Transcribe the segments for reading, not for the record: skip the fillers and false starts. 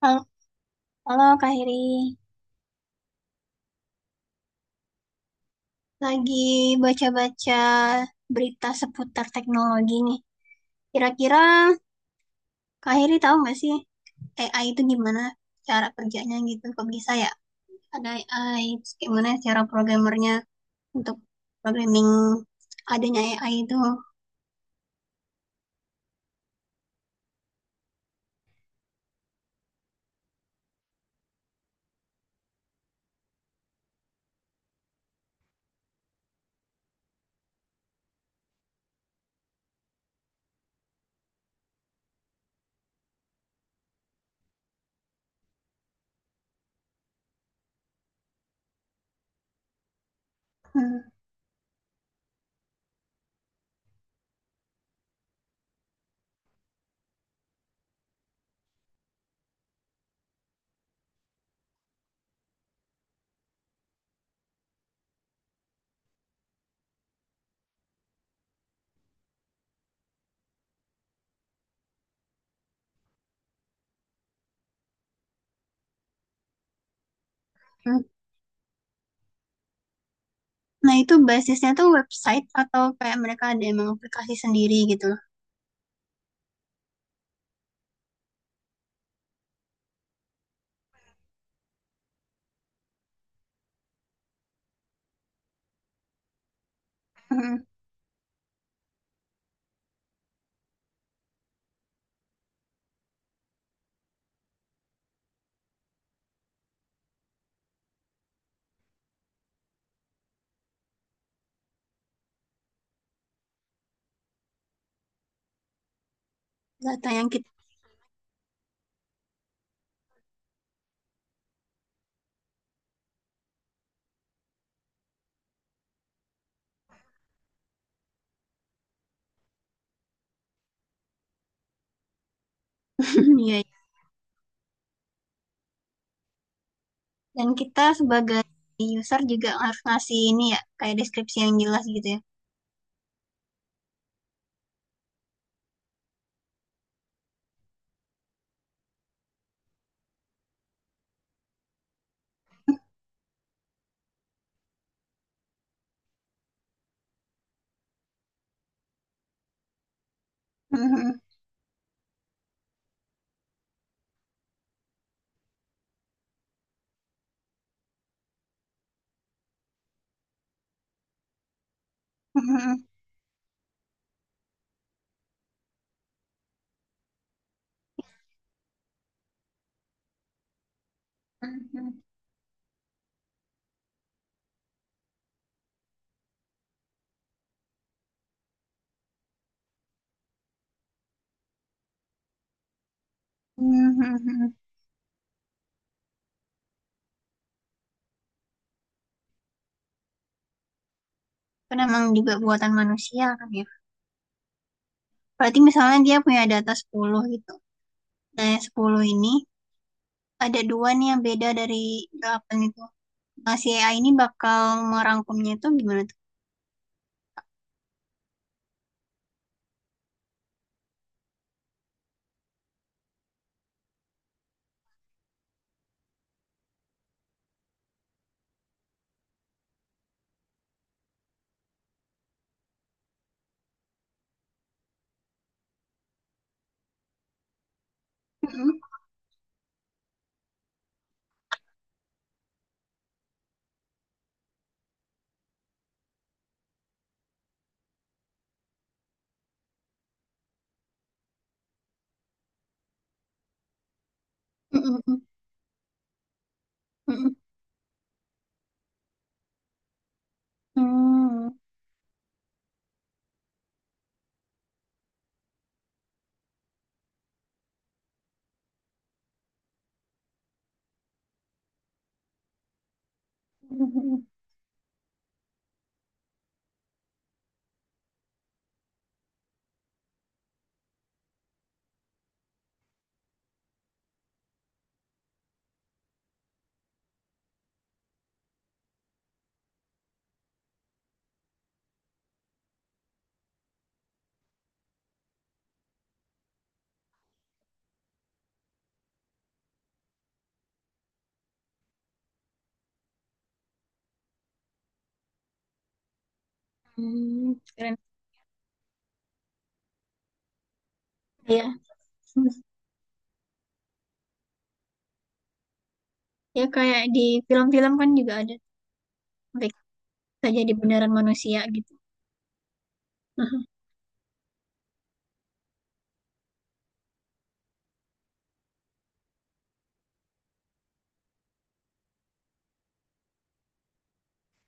Halo, halo Kak Heri. Lagi baca-baca berita seputar teknologi nih. Kira-kira Kak Heri tahu nggak sih AI itu gimana cara kerjanya gitu? Kok bisa ya? Ada AI, terus gimana cara programmernya untuk programming adanya AI itu? Hmm, hmm. Nah itu basisnya tuh website atau kayak mereka ada emang aplikasi sendiri gitu loh. Hmm, data yang kita, iya. Dan kita sebagai user juga harus ngasih ini ya, kayak deskripsi yang jelas gitu ya. Karena emang juga buatan manusia kan ya. Berarti misalnya dia punya data 10 gitu. Nah yang 10 ini ada dua nih yang beda dari 8 itu. Nah si AI ini bakal merangkumnya itu gimana tuh? Keren. Ya, ya kayak di film-film kan juga ada. Sampai bisa jadi beneran manusia gitu.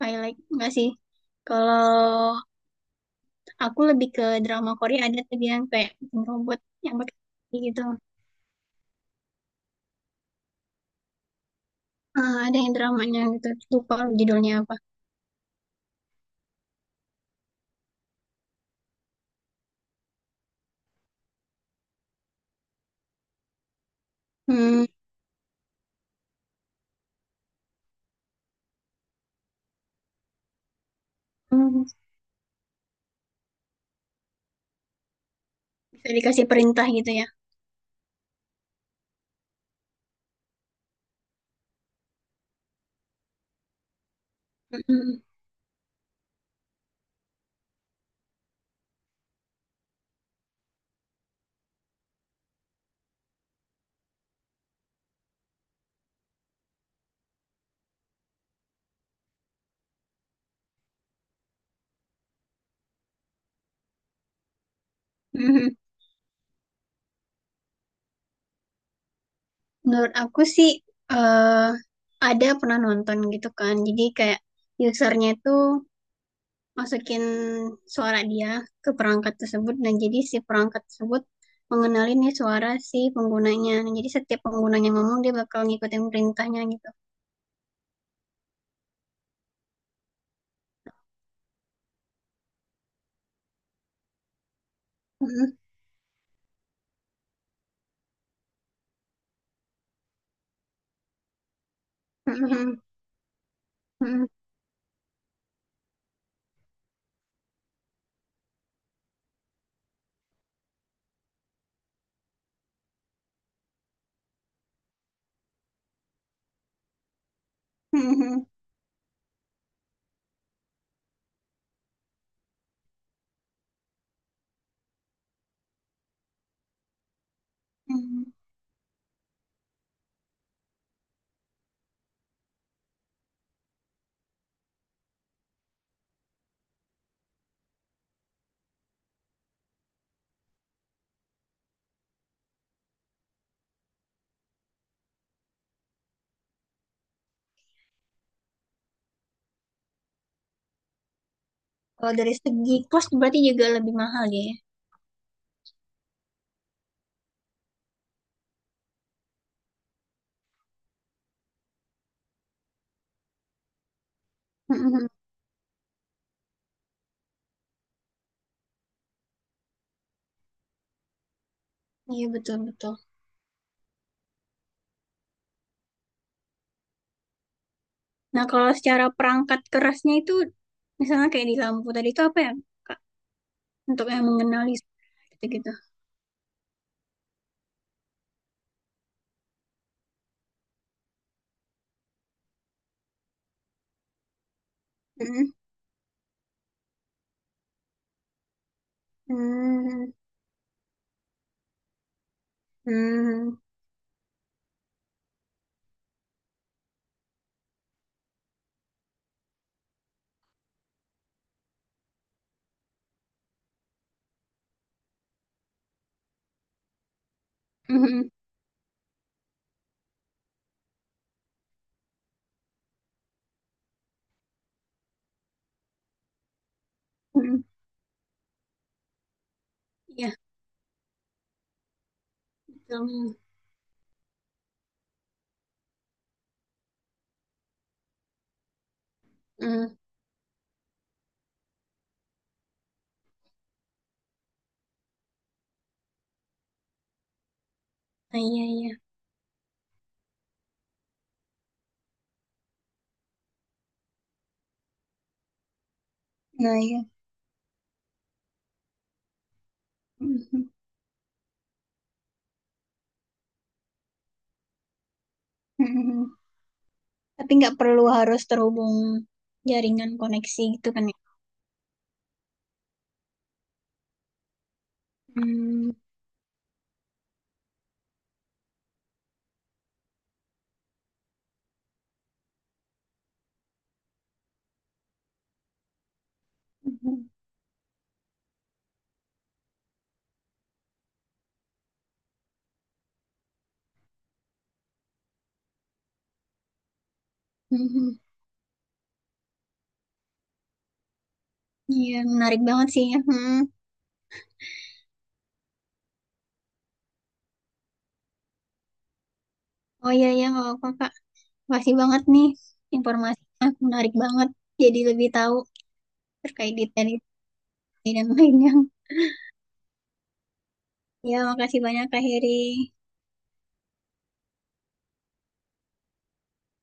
I like nggak sih? Kalau aku lebih ke drama Korea ada tuh dia yang kayak bikin robot yang pakai kaki gitu. Eh, ada yang dramanya gitu lupa judulnya apa. Hmm, hmm, bisa dikasih perintah gitu ya. Mm-mm, mm menurut aku sih eh ada pernah nonton gitu kan. Jadi kayak usernya itu masukin suara dia ke perangkat tersebut dan jadi si perangkat tersebut mengenali nih suara si penggunanya. Nah, jadi setiap penggunanya ngomong dia bakal ngikutin perintahnya gitu. Kalau dari segi cost berarti juga lebih mahal dia ya. Iya, betul betul. Nah kalau secara perangkat kerasnya itu misalnya kayak di lampu tadi itu apa ya Kak? Untuk yang mengenali gitu-gitu. Iya betul. Mm, nah, iya iya. Nah, iya. Mhm. Tapi nggak perlu harus terhubung jaringan koneksi gitu kan ya. Hmm, mhm. Mhm. Iya, menarik banget sih ya. Mhm. Oh iya, iya, nggak apa-apa, Kak. Makasih banget nih informasinya. Menarik banget. Jadi lebih tahu terkait detail ini dan lainnya. Ya, makasih banyak, Kak Heri.